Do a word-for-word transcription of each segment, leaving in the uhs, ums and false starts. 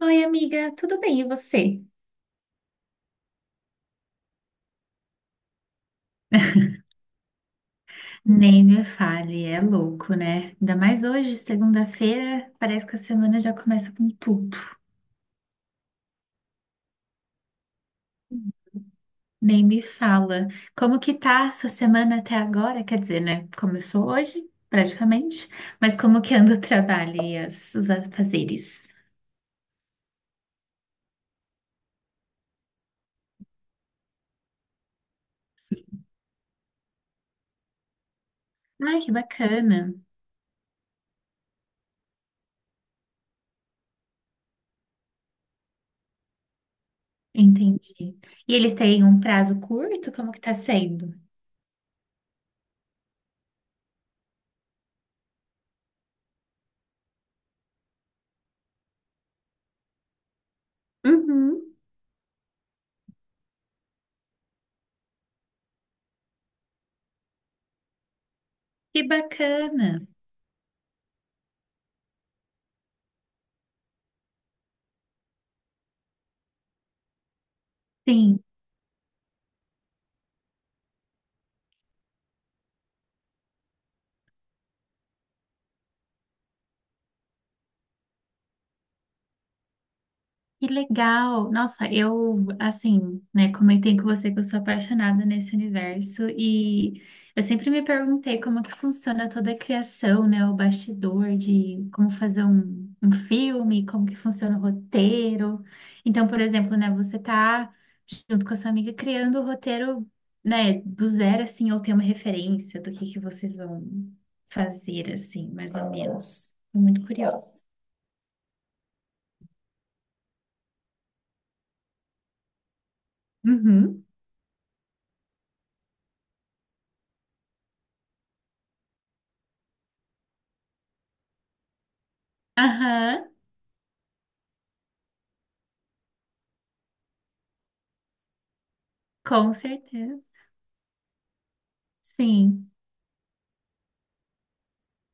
Oi, amiga, tudo bem? E você? Nem me fale, é louco, né? Ainda mais hoje, segunda-feira, parece que a semana já começa com tudo. Nem me fala. Como que tá a sua semana até agora? Quer dizer, né? Começou hoje, praticamente, mas como que anda o trabalho e as- os afazeres? Ai, que bacana. Entendi. E eles têm um prazo curto? Como que tá sendo? Uhum. Que bacana. Sim. Que legal! Nossa, eu, assim, né, comentei com você que eu sou apaixonada nesse universo e eu sempre me perguntei como que funciona toda a criação, né, o bastidor de como fazer um, um filme, como que funciona o roteiro. Então, por exemplo, né, você tá junto com a sua amiga criando o roteiro, né, do zero, assim, ou tem uma referência do que que vocês vão fazer, assim, mais ou menos. Tô muito curiosa. Uhum. Aham, Com certeza. Sim,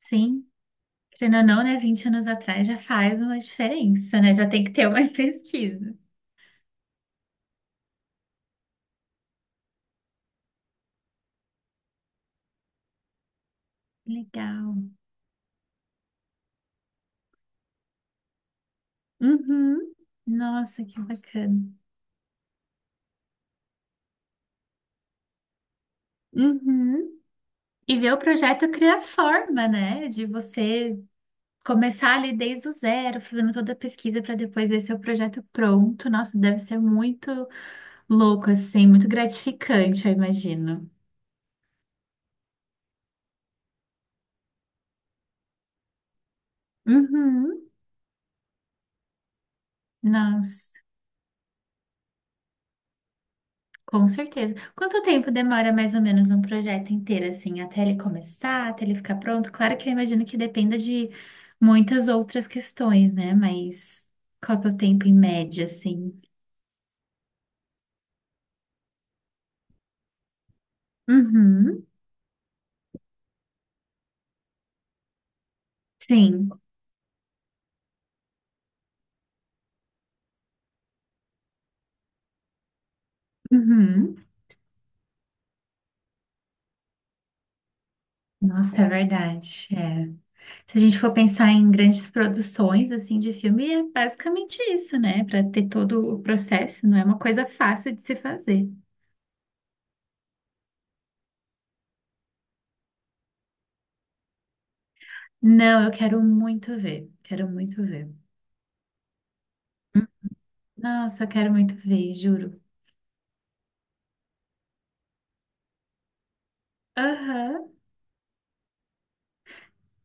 sim. Querendo ou não, né? Vinte anos atrás já faz uma diferença, né? Já tem que ter uma pesquisa. Legal. Uhum. Nossa, que bacana. Uhum. E ver o projeto criar forma, né? De você começar ali desde o zero, fazendo toda a pesquisa para depois ver seu projeto pronto. Nossa, deve ser muito louco, assim, muito gratificante, eu imagino. Uhum. Nossa. Com certeza. Quanto tempo demora mais ou menos um projeto inteiro, assim, até ele começar, até ele ficar pronto? Claro que eu imagino que dependa de muitas outras questões, né? Mas qual que é o tempo em média, assim? Uhum, sim. Uhum. Nossa, é verdade. É. Se a gente for pensar em grandes produções, assim, de filme, é basicamente isso, né? Para ter todo o processo, não é uma coisa fácil de se fazer. Não, eu quero muito ver. Quero muito ver. Nossa, eu quero muito ver, juro. Aham.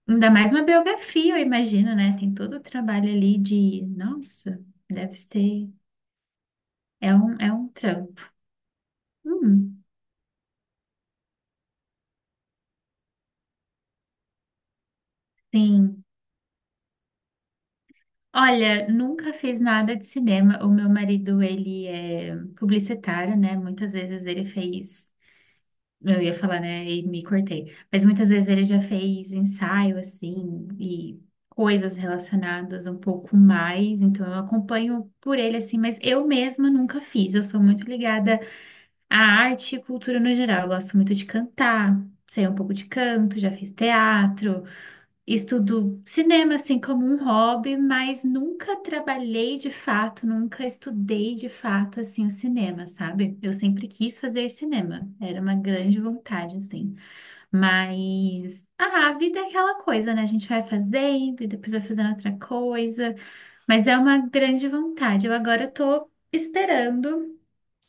Ainda mais uma biografia, eu imagino, né? Tem todo o trabalho ali de. Nossa, deve ser. É um, é um trampo. Hum, sim. Olha, nunca fiz nada de cinema. O meu marido, ele é publicitário, né? Muitas vezes ele fez. Eu ia falar, né? E me cortei. Mas muitas vezes ele já fez ensaio, assim, e coisas relacionadas um pouco mais. Então eu acompanho por ele, assim, mas eu mesma nunca fiz. Eu sou muito ligada à arte e cultura no geral. Eu gosto muito de cantar, sei um pouco de canto, já fiz teatro. Estudo cinema, assim, como um hobby, mas nunca trabalhei de fato, nunca estudei de fato, assim, o cinema, sabe? Eu sempre quis fazer cinema, era uma grande vontade, assim. Mas, ah, a vida é aquela coisa, né? A gente vai fazendo e depois vai fazendo outra coisa, mas é uma grande vontade. Eu agora tô esperando,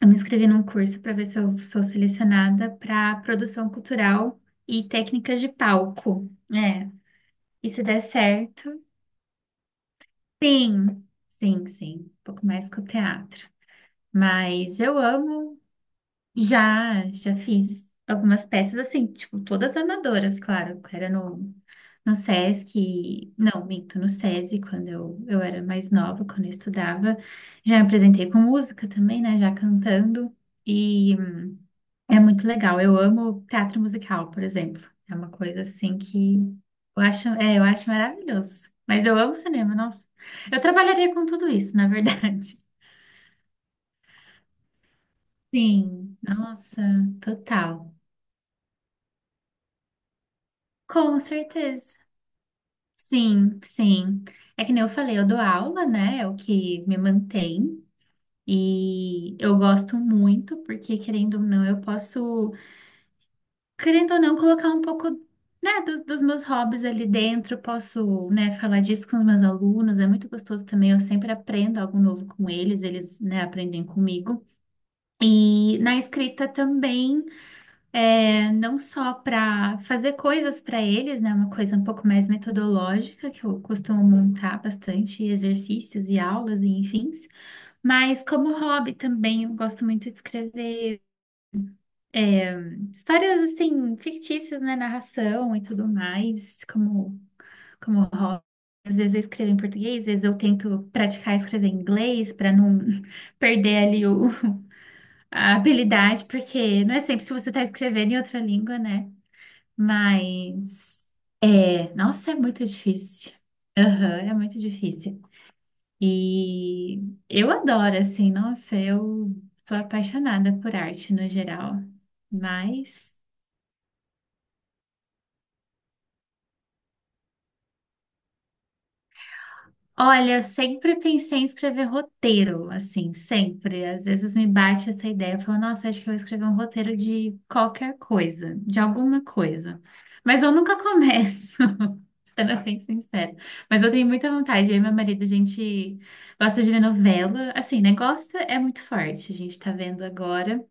eu me inscrevi num curso para ver se eu sou selecionada para produção cultural e técnicas de palco. É. E se der certo, sim, sim, sim, um pouco mais com o teatro. Mas eu amo, já, já fiz algumas peças assim, tipo, todas amadoras, claro, era no, no Sesc, não, minto, no SESI, quando eu, eu era mais nova, quando eu estudava, já me apresentei com música também, né, já cantando, e é muito legal. Eu amo teatro musical, por exemplo. É uma coisa assim que eu acho, é, eu acho maravilhoso. Mas eu amo cinema, nossa. Eu trabalharia com tudo isso, na verdade. Sim, nossa, total. Com certeza. Sim, sim. É que nem eu falei, eu dou aula, né? É o que me mantém. E eu gosto muito, porque querendo ou não, eu posso. Querendo ou não, colocar um pouco, né, do- dos meus hobbies ali dentro. Posso, né, falar disso com os meus alunos. É muito gostoso também. Eu sempre aprendo algo novo com eles, eles, né, aprendem comigo. E na escrita também, é, não só para fazer coisas para eles, né, uma coisa um pouco mais metodológica, que eu costumo montar bastante exercícios e aulas e enfim, mas como hobby também, eu gosto muito de escrever é, histórias assim, fictícias, né? Narração e tudo mais, como, como hobby. Às vezes eu escrevo em português, às vezes eu tento praticar escrever em inglês para não perder ali o, a habilidade, porque não é sempre que você está escrevendo em outra língua, né? Mas é, nossa, é muito difícil. Aham, é muito difícil. E eu adoro, assim, nossa, eu tô apaixonada por arte no geral. Mas. Olha, eu sempre pensei em escrever roteiro, assim, sempre. Às vezes me bate essa ideia, eu falo, nossa, acho que eu vou escrever um roteiro de qualquer coisa, de alguma coisa. Mas eu nunca começo, sendo bem sincera. Mas eu tenho muita vontade, eu e meu marido, a gente gosta de ver novela, assim, né? Gosta é muito forte, a gente tá vendo agora.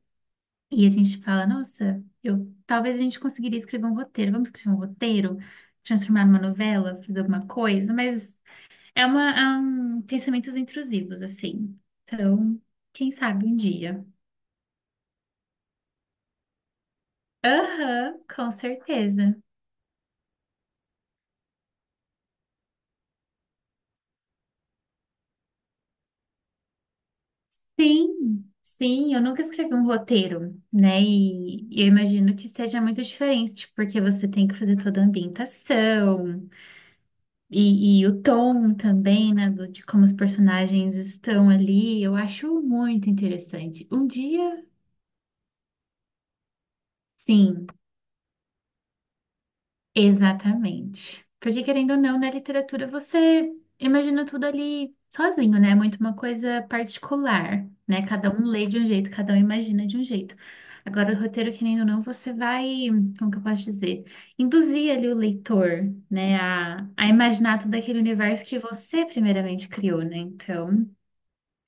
E a gente fala, nossa, eu talvez a gente conseguiria escrever um roteiro, vamos escrever um roteiro, transformar numa novela, fazer alguma coisa, mas. É uma, é um pensamentos intrusivos, assim. Então, quem sabe um dia. Aham, com certeza. Sim, sim, eu nunca escrevi um roteiro, né? E eu imagino que seja muito diferente, porque você tem que fazer toda a ambientação e, e o tom também, né? do- de como os personagens estão ali. Eu acho muito interessante. Um dia, sim. Exatamente. Porque querendo ou não, na literatura você imagina tudo ali sozinho, né? É muito uma coisa particular, né? Cada um lê de um jeito, cada um imagina de um jeito. Agora, o roteiro, querendo ou não, você vai, como que eu posso dizer? Induzir ali o leitor, né? A, a imaginar todo aquele universo que você primeiramente criou, né? Então,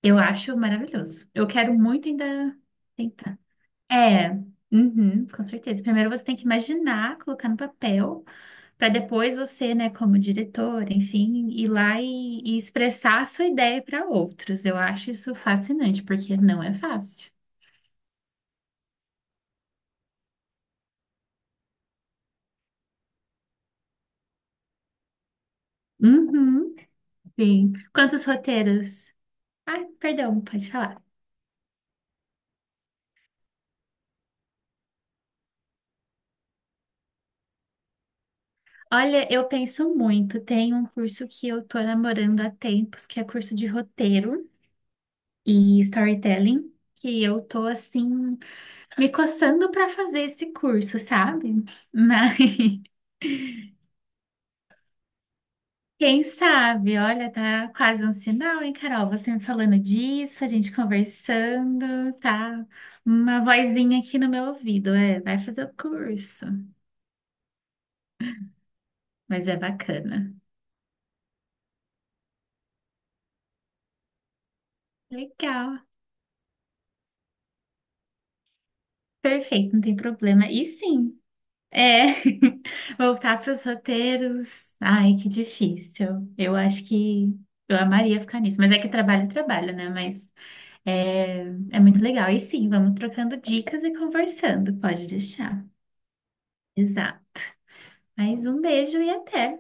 eu acho maravilhoso. Eu quero muito ainda tentar. É, uhum, com certeza. Primeiro você tem que imaginar, colocar no papel para depois você, né, como diretor, enfim, ir lá e, e expressar a sua ideia para outros. Eu acho isso fascinante, porque não é fácil. Uhum, sim. Quantos roteiros? Ai, perdão, pode falar. Olha, eu penso muito. Tem um curso que eu tô namorando há tempos, que é curso de roteiro e storytelling, que eu tô assim me coçando para fazer esse curso, sabe? Mas quem sabe? Olha, tá quase um sinal, hein, Carol? Você me falando disso, a gente conversando, tá? Uma vozinha aqui no meu ouvido, é, vai fazer o curso, mas é bacana. Legal, perfeito, não tem problema. E sim, é, voltar para os roteiros, ai, que difícil. Eu acho que eu amaria ficar nisso, mas é que trabalho, é trabalho, né? Mas é, é muito legal. E sim, vamos trocando dicas e conversando, pode deixar. Exato. Mas um beijo e até.